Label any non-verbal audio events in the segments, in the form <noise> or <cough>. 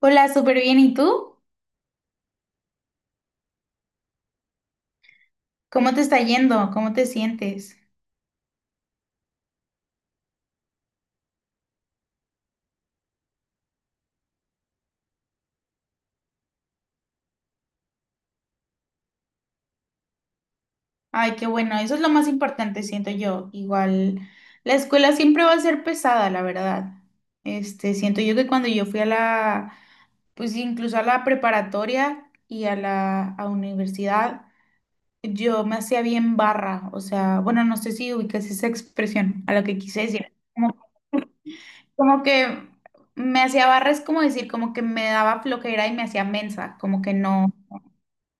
Hola, súper bien. ¿Y tú? ¿Cómo te está yendo? ¿Cómo te sientes? Ay, qué bueno. Eso es lo más importante, siento yo. Igual, la escuela siempre va a ser pesada, la verdad. Siento yo que cuando yo fui pues incluso a la preparatoria y a la a universidad, yo me hacía bien barra. O sea, bueno, no sé si ubicas esa expresión a lo que quise decir. Como que me hacía barra es como decir, como que me daba flojera y me hacía mensa, como que no.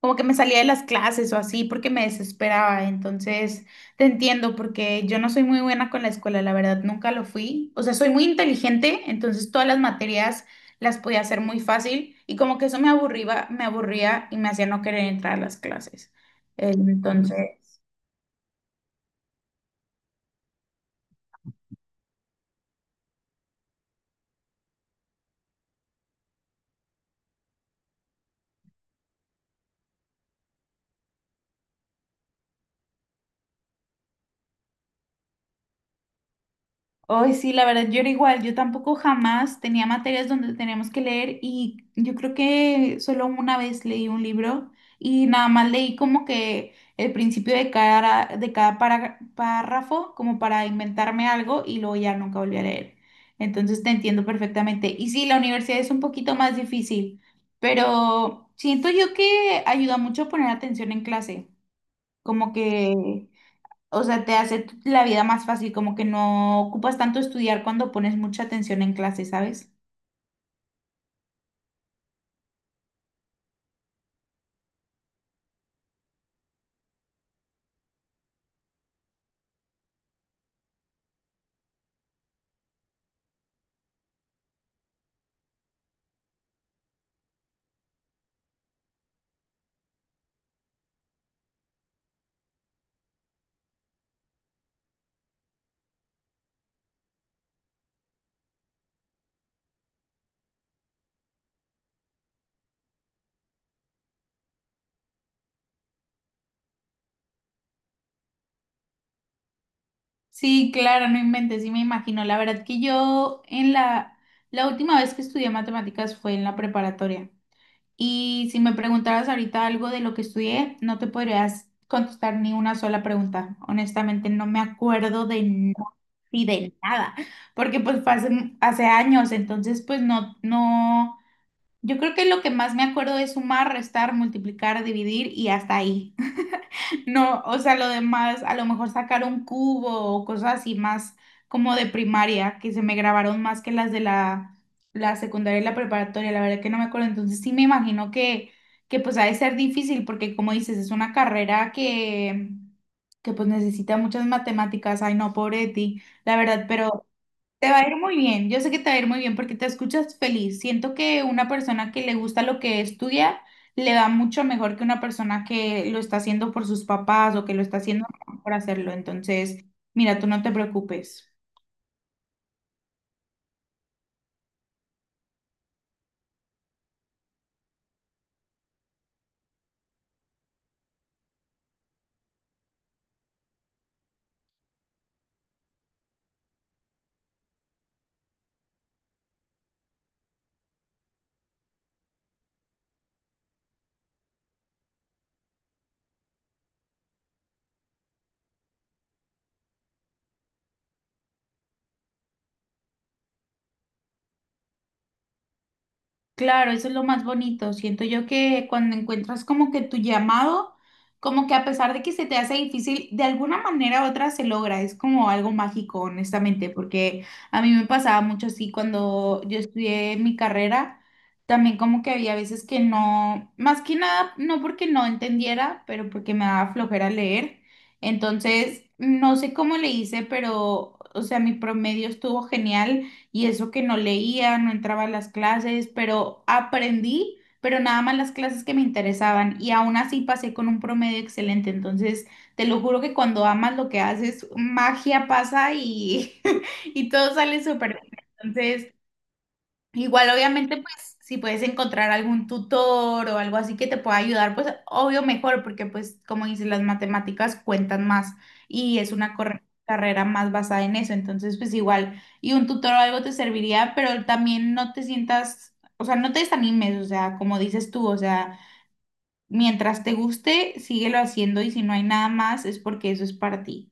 Como que me salía de las clases o así porque me desesperaba. Entonces, te entiendo porque yo no soy muy buena con la escuela, la verdad, nunca lo fui. O sea, soy muy inteligente, entonces todas las materias las podía hacer muy fácil y como que eso me aburría y me hacía no querer entrar a las clases. Mm. Entonces, hoy sí, la verdad, yo era igual, yo tampoco jamás tenía materias donde teníamos que leer y yo creo que solo una vez leí un libro y nada más leí como que el principio de cada párrafo como para inventarme algo y luego ya nunca volví a leer. Entonces te entiendo perfectamente. Y sí, la universidad es un poquito más difícil, pero siento yo que ayuda mucho a poner atención en clase, como que... O sea, te hace la vida más fácil, como que no ocupas tanto estudiar cuando pones mucha atención en clase, ¿sabes? Sí, claro, no inventes, sí me imagino. La verdad que yo la última vez que estudié matemáticas fue en la preparatoria. Y si me preguntaras ahorita algo de lo que estudié, no te podrías contestar ni una sola pregunta. Honestamente, no me acuerdo de nada y de nada, porque pues fue hace años, entonces pues no, no. Yo creo que lo que más me acuerdo es sumar, restar, multiplicar, dividir y hasta ahí. <laughs> No, o sea, lo demás, a lo mejor sacar un cubo o cosas así más como de primaria, que se me grabaron más que las de la secundaria y la preparatoria, la verdad que no me acuerdo. Entonces sí me imagino que pues ha de ser difícil porque como dices, es una carrera que pues necesita muchas matemáticas. Ay, no, pobre de ti, la verdad, pero... Te va a ir muy bien, yo sé que te va a ir muy bien porque te escuchas feliz. Siento que una persona que le gusta lo que estudia le va mucho mejor que una persona que lo está haciendo por sus papás o que lo está haciendo por hacerlo. Entonces, mira, tú no te preocupes. Claro, eso es lo más bonito. Siento yo que cuando encuentras como que tu llamado, como que a pesar de que se te hace difícil, de alguna manera u otra se logra. Es como algo mágico, honestamente, porque a mí me pasaba mucho así cuando yo estudié mi carrera, también como que había veces que no, más que nada, no porque no entendiera, pero porque me daba flojera leer. Entonces, no sé cómo le hice, pero, o sea, mi promedio estuvo genial y eso que no leía, no entraba a las clases, pero aprendí, pero nada más las clases que me interesaban y aún así pasé con un promedio excelente. Entonces, te lo juro que cuando amas lo que haces, magia pasa y, <laughs> y todo sale súper bien. Entonces, igual, obviamente, pues si puedes encontrar algún tutor o algo así que te pueda ayudar, pues obvio mejor, porque pues como dices, las matemáticas cuentan más y es una carrera más basada en eso, entonces pues igual, y un tutor o algo te serviría, pero también no te sientas, o sea, no te desanimes, o sea, como dices tú, o sea, mientras te guste, síguelo haciendo y si no hay nada más es porque eso es para ti.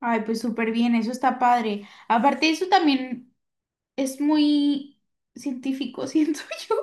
Ay, pues súper bien, eso está padre. Aparte de eso también... Es muy científico, <laughs> siento yo.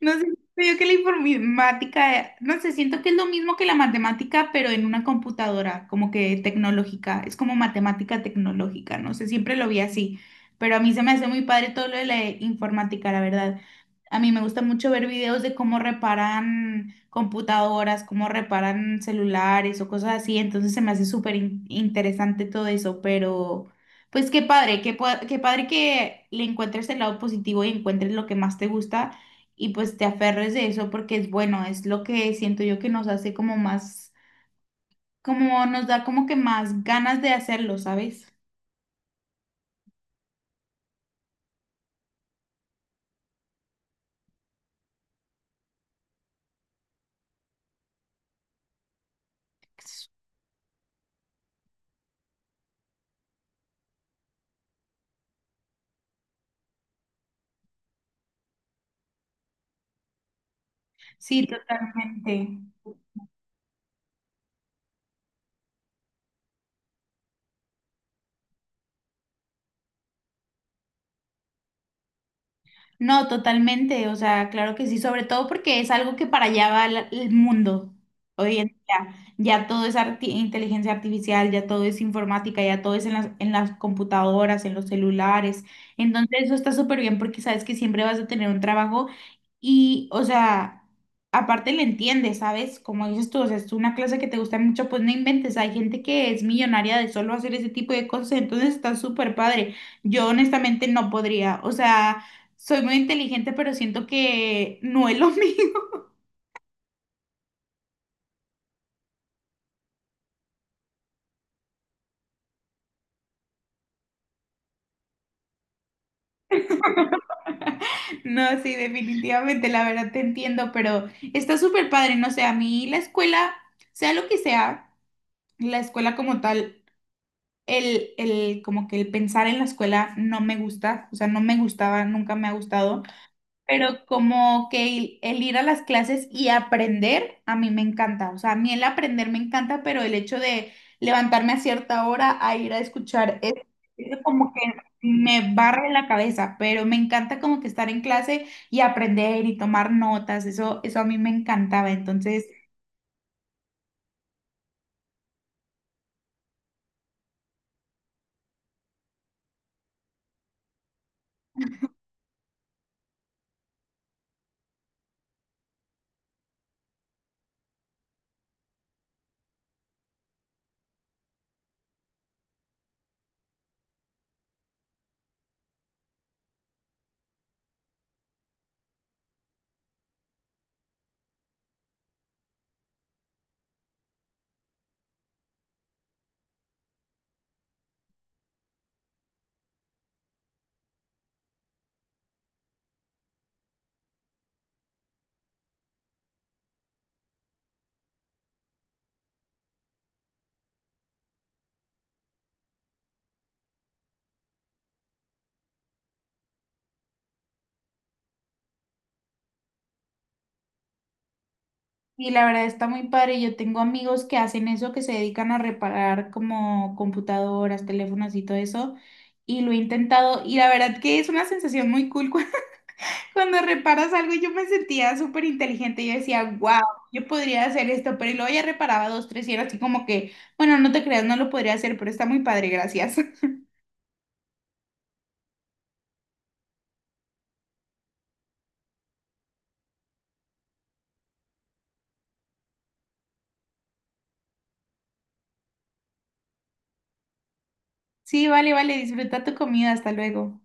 No sé, siento yo que la informática, no sé, siento que es lo mismo que la matemática, pero en una computadora, como que tecnológica, es como matemática tecnológica, no sé, siempre lo vi así, pero a mí se me hace muy padre todo lo de la informática, la verdad. A mí me gusta mucho ver videos de cómo reparan computadoras, cómo reparan celulares o cosas así, entonces se me hace súper interesante todo eso, pero... Pues qué padre, qué padre que le encuentres el lado positivo y encuentres lo que más te gusta y pues te aferres de eso porque es bueno, es lo que siento yo que nos hace como más, como nos da como que más ganas de hacerlo, ¿sabes? Sí, totalmente. No, totalmente, o sea, claro que sí, sobre todo porque es algo que para allá va el mundo hoy en día. Ya todo es inteligencia artificial, ya todo es informática, ya todo es en las computadoras, en los celulares. Entonces eso está súper bien porque sabes que siempre vas a tener un trabajo. Y, o sea, aparte le entiendes, ¿sabes? Como dices tú, o sea, es una clase que te gusta mucho, pues no inventes. Hay gente que es millonaria de solo hacer ese tipo de cosas, entonces está súper padre. Yo honestamente no podría, o sea, soy muy inteligente, pero siento que no es lo <laughs> mío. No, sí, definitivamente, la verdad te entiendo, pero está súper padre, no sé, a mí la escuela, sea lo que sea, la escuela como tal. Como que el pensar en la escuela no me gusta, o sea, no me gustaba, nunca me ha gustado, pero como que el ir a las clases y aprender, a mí me encanta, o sea, a mí el aprender me encanta, pero el hecho de levantarme a cierta hora a ir a escuchar es como que me barre la cabeza, pero me encanta como que estar en clase y aprender y tomar notas, eso a mí me encantaba, entonces... Y la verdad está muy padre. Yo tengo amigos que hacen eso, que se dedican a reparar como computadoras, teléfonos y todo eso. Y lo he intentado. Y la verdad que es una sensación muy cool <laughs> cuando reparas algo. Yo me sentía súper inteligente. Yo decía, wow, yo podría hacer esto. Pero y luego ya reparaba dos, tres y era así como que, bueno, no te creas, no lo podría hacer, pero está muy padre, gracias. <laughs> Sí, vale, vale, disfruta tu comida. Hasta luego.